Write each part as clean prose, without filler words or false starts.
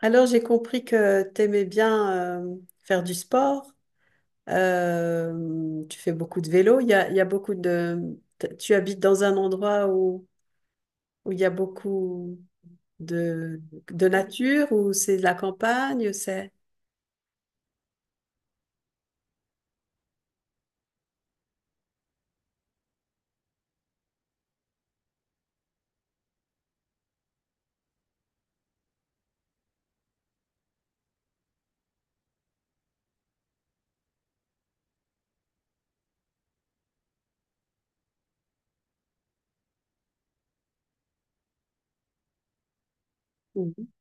Alors, j'ai compris que tu aimais bien faire du sport. Tu fais beaucoup de vélo. Il y a beaucoup de... Tu habites dans un endroit où, où il y a beaucoup de, de nature, où c'est de la campagne, c'est... Mhm.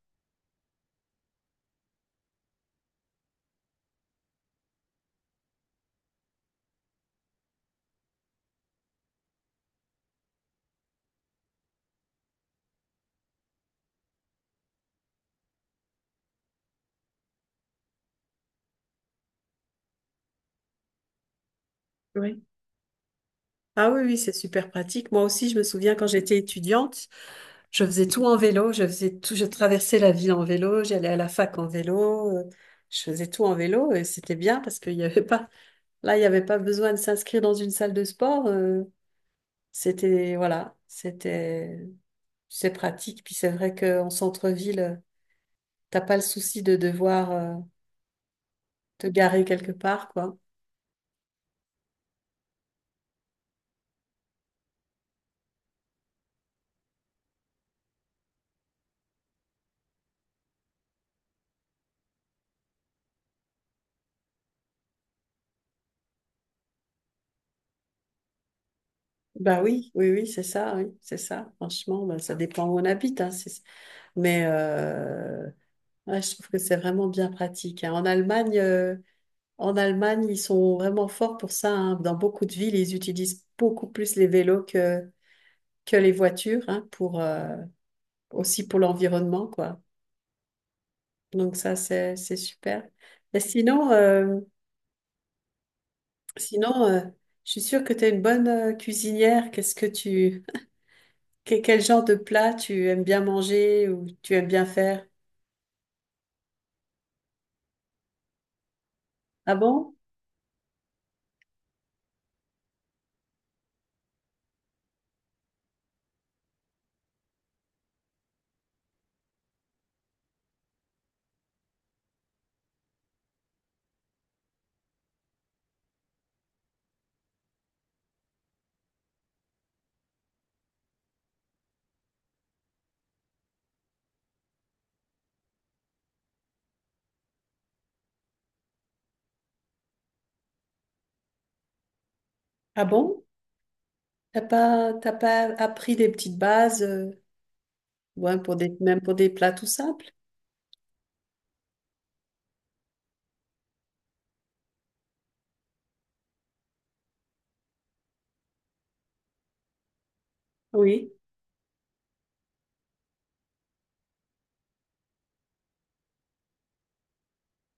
Oui. Ah oui, oui, c'est super pratique. Moi aussi, je me souviens quand j'étais étudiante, je faisais tout en vélo, je faisais tout, je traversais la ville en vélo, j'allais à la fac en vélo, je faisais tout en vélo et c'était bien parce qu'il y avait pas, là, il n'y avait pas besoin de s'inscrire dans une salle de sport. C'était, voilà, c'était, c'est pratique. Puis c'est vrai qu'en centre-ville, t'as pas le souci de devoir te garer quelque part, quoi. Bah oui, oui, oui, c'est ça, oui, c'est ça. Franchement, bah, ça dépend où on habite, hein, mais ouais, je trouve que c'est vraiment bien pratique, hein. En Allemagne, en Allemagne, ils sont vraiment forts pour ça, hein. Dans beaucoup de villes, ils utilisent beaucoup plus les vélos que les voitures, hein, pour, aussi pour l'environnement, quoi. Donc ça, c'est super. Et sinon, sinon je suis sûre que tu es une bonne cuisinière. Qu'est-ce que tu, quel genre de plat tu aimes bien manger ou tu aimes bien faire? Ah bon? Ah bon? T'as pas appris des petites bases, ouais, pour des, même pour des plats tout simples? Oui.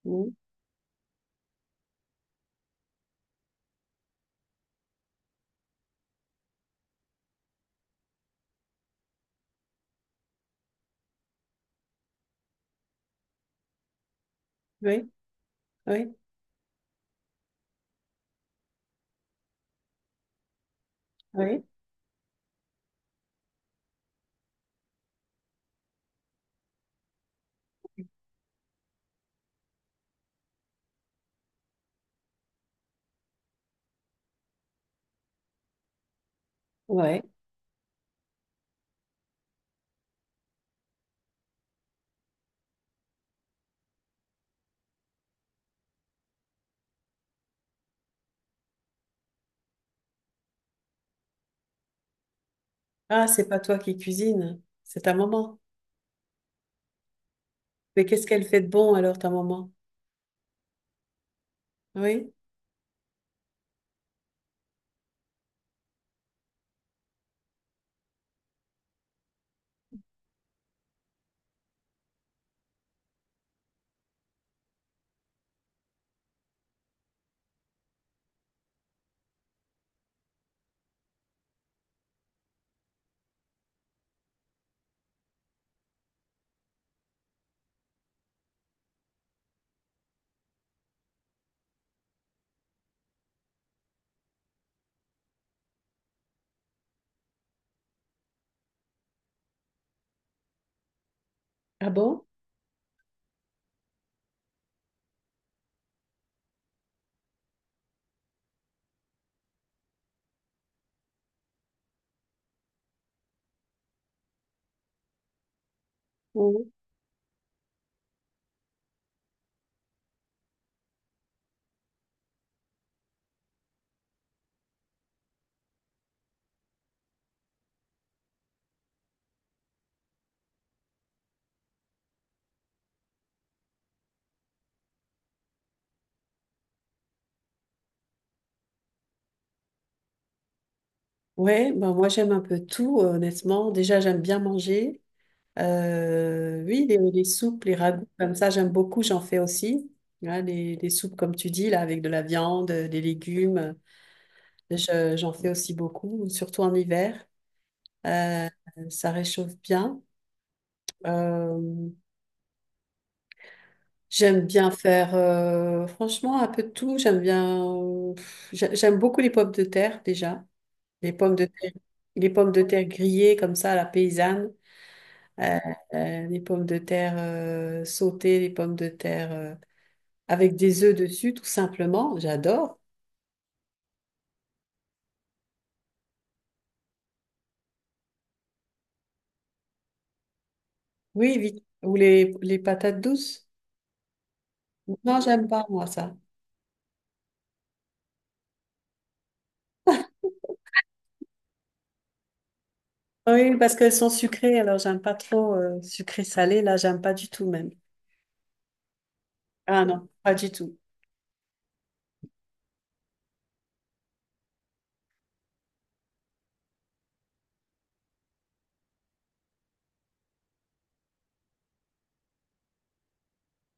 Oui. Oui. Oui. Oui, ouais. Ah, c'est pas toi qui cuisine, c'est ta maman. Mais qu'est-ce qu'elle fait de bon alors, ta maman? Oui. Ah bon? Oui. Ouais, ben moi j'aime un peu tout, honnêtement. Déjà, j'aime bien manger. Oui, les soupes, les ragoûts, comme ça, j'aime beaucoup, j'en fais aussi. Hein, les soupes, comme tu dis, là, avec de la viande, des légumes, j'en fais aussi beaucoup, surtout en hiver. Euh, ça réchauffe bien. Euh, J'aime bien faire, franchement, un peu de tout. J'aime bien, j'aime beaucoup les pommes de terre déjà. Les pommes de terre, les pommes de terre grillées comme ça, à la paysanne. Euh, les pommes de terre sautées, les pommes de terre avec des œufs dessus, tout simplement. J'adore. Oui, vite. Ou les patates douces. Non, j'aime pas, moi, ça. Oui, parce qu'elles sont sucrées, alors j'aime pas trop sucré-salé. Là, j'aime pas du tout même. Ah non, pas du tout.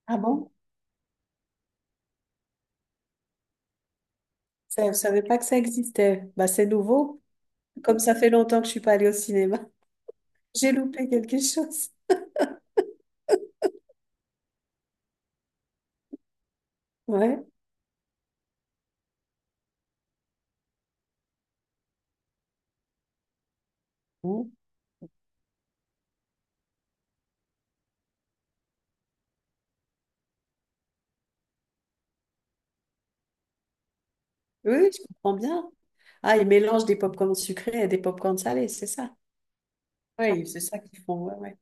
Ah bon? Ça, je ne savais pas que ça existait. Bah, c'est nouveau. Comme ça fait longtemps que je suis pas allée au cinéma, j'ai loupé quelque chose. Ouais. Bon. Oui, je comprends bien. Ah, ils mélangent des pop-corns sucrés et des pop-corns salés, c'est ça. Oui, c'est ça qu'ils font. Ouais, ouais.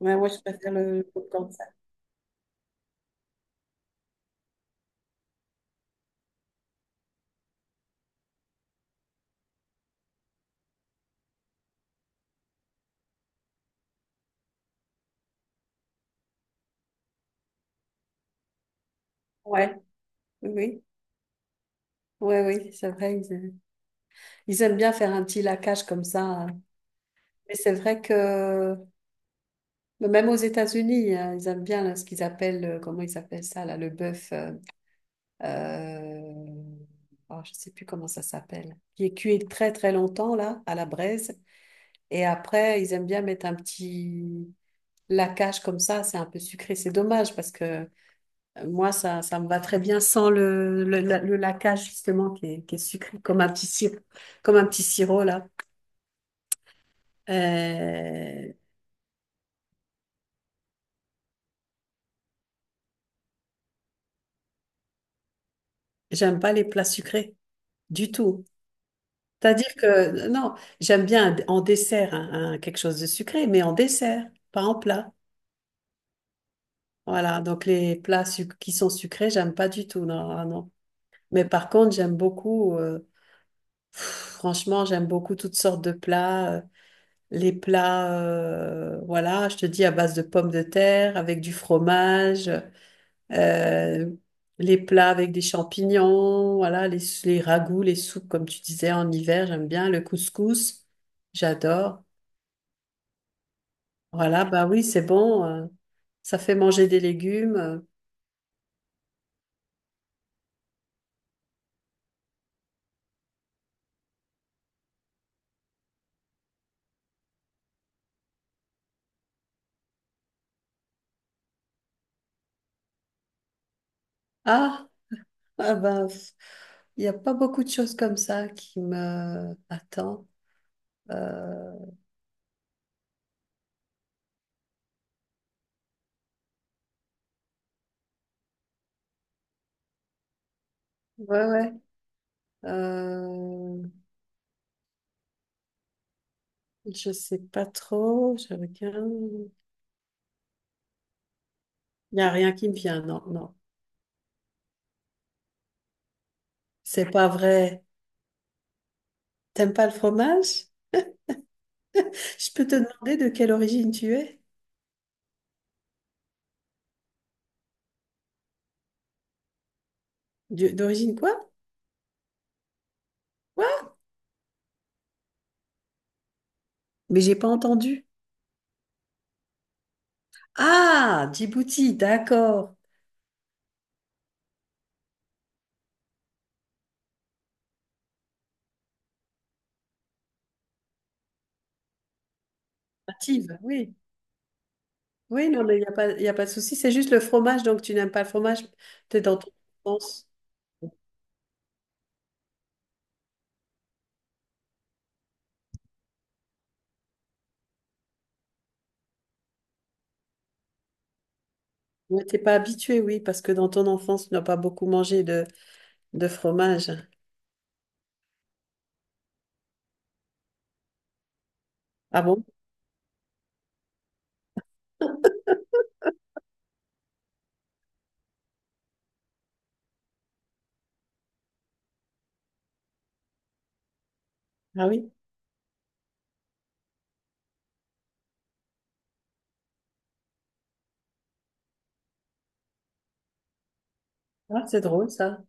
Ouais, moi, je préfère le pop-corn salé. Ouais. Oui, oui. Ouais, oui, c'est vrai. Ils aiment bien faire un petit laquage comme ça, hein. Mais c'est vrai que même aux États-Unis, hein, ils aiment bien là, ce qu'ils appellent, comment ils appellent ça, là, le bœuf. Euh, oh, je ne sais plus comment ça s'appelle, qui est cuit très très longtemps là, à la braise. Et après, ils aiment bien mettre un petit lacage comme ça, c'est un peu sucré. C'est dommage parce que moi, ça me va très bien sans le, le, le laquage justement qui est sucré, comme un petit sirop, comme un petit sirop là. Euh, j'aime pas les plats sucrés du tout. C'est-à-dire que, non, j'aime bien en dessert, hein, hein, quelque chose de sucré, mais en dessert, pas en plat. Voilà, donc les qui sont sucrés, j'aime pas du tout, non, ah non. Mais par contre, j'aime beaucoup, pff, franchement, j'aime beaucoup toutes sortes de plats. Les plats, voilà, je te dis, à base de pommes de terre, avec du fromage, euh, les plats avec des champignons, voilà, les ragoûts, les soupes, comme tu disais, en hiver, j'aime bien. Le couscous, j'adore. Voilà, bah oui, c'est bon, ça fait manger des légumes, euh. Ah! Ah ben, pff, il n'y a pas beaucoup de choses comme ça qui me attendent. Euh, ouais, ouais. Euh, je sais pas trop. Je regarde. Il n'y a rien qui me vient. Non, non. C'est pas vrai. T'aimes pas le fromage? Je peux te demander de quelle origine tu es? D'origine quoi? Quoi? Mais j'ai pas entendu. Ah, Djibouti, d'accord. Native, oui. Oui, non, mais il n'y a pas, il y a pas de souci. C'est juste le fromage, donc tu n'aimes pas le fromage. T'es dans ton sens. Ouais, t'es pas habitué, oui, parce que dans ton enfance, tu n'as pas beaucoup mangé de fromage. Ah bon? Ah oui? Ah, c'est drôle, ça.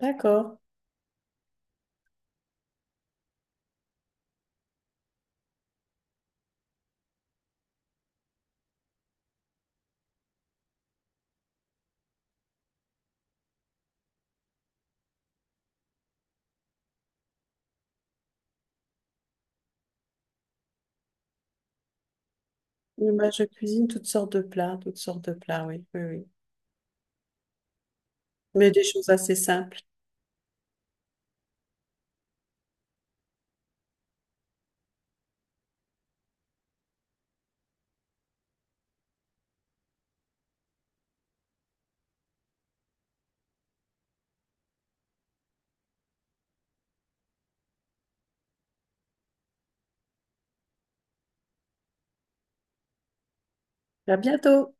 D'accord. Oui, moi, je cuisine toutes sortes de plats, toutes sortes de plats, oui, oui, oui. Mais des choses assez simples. À bientôt!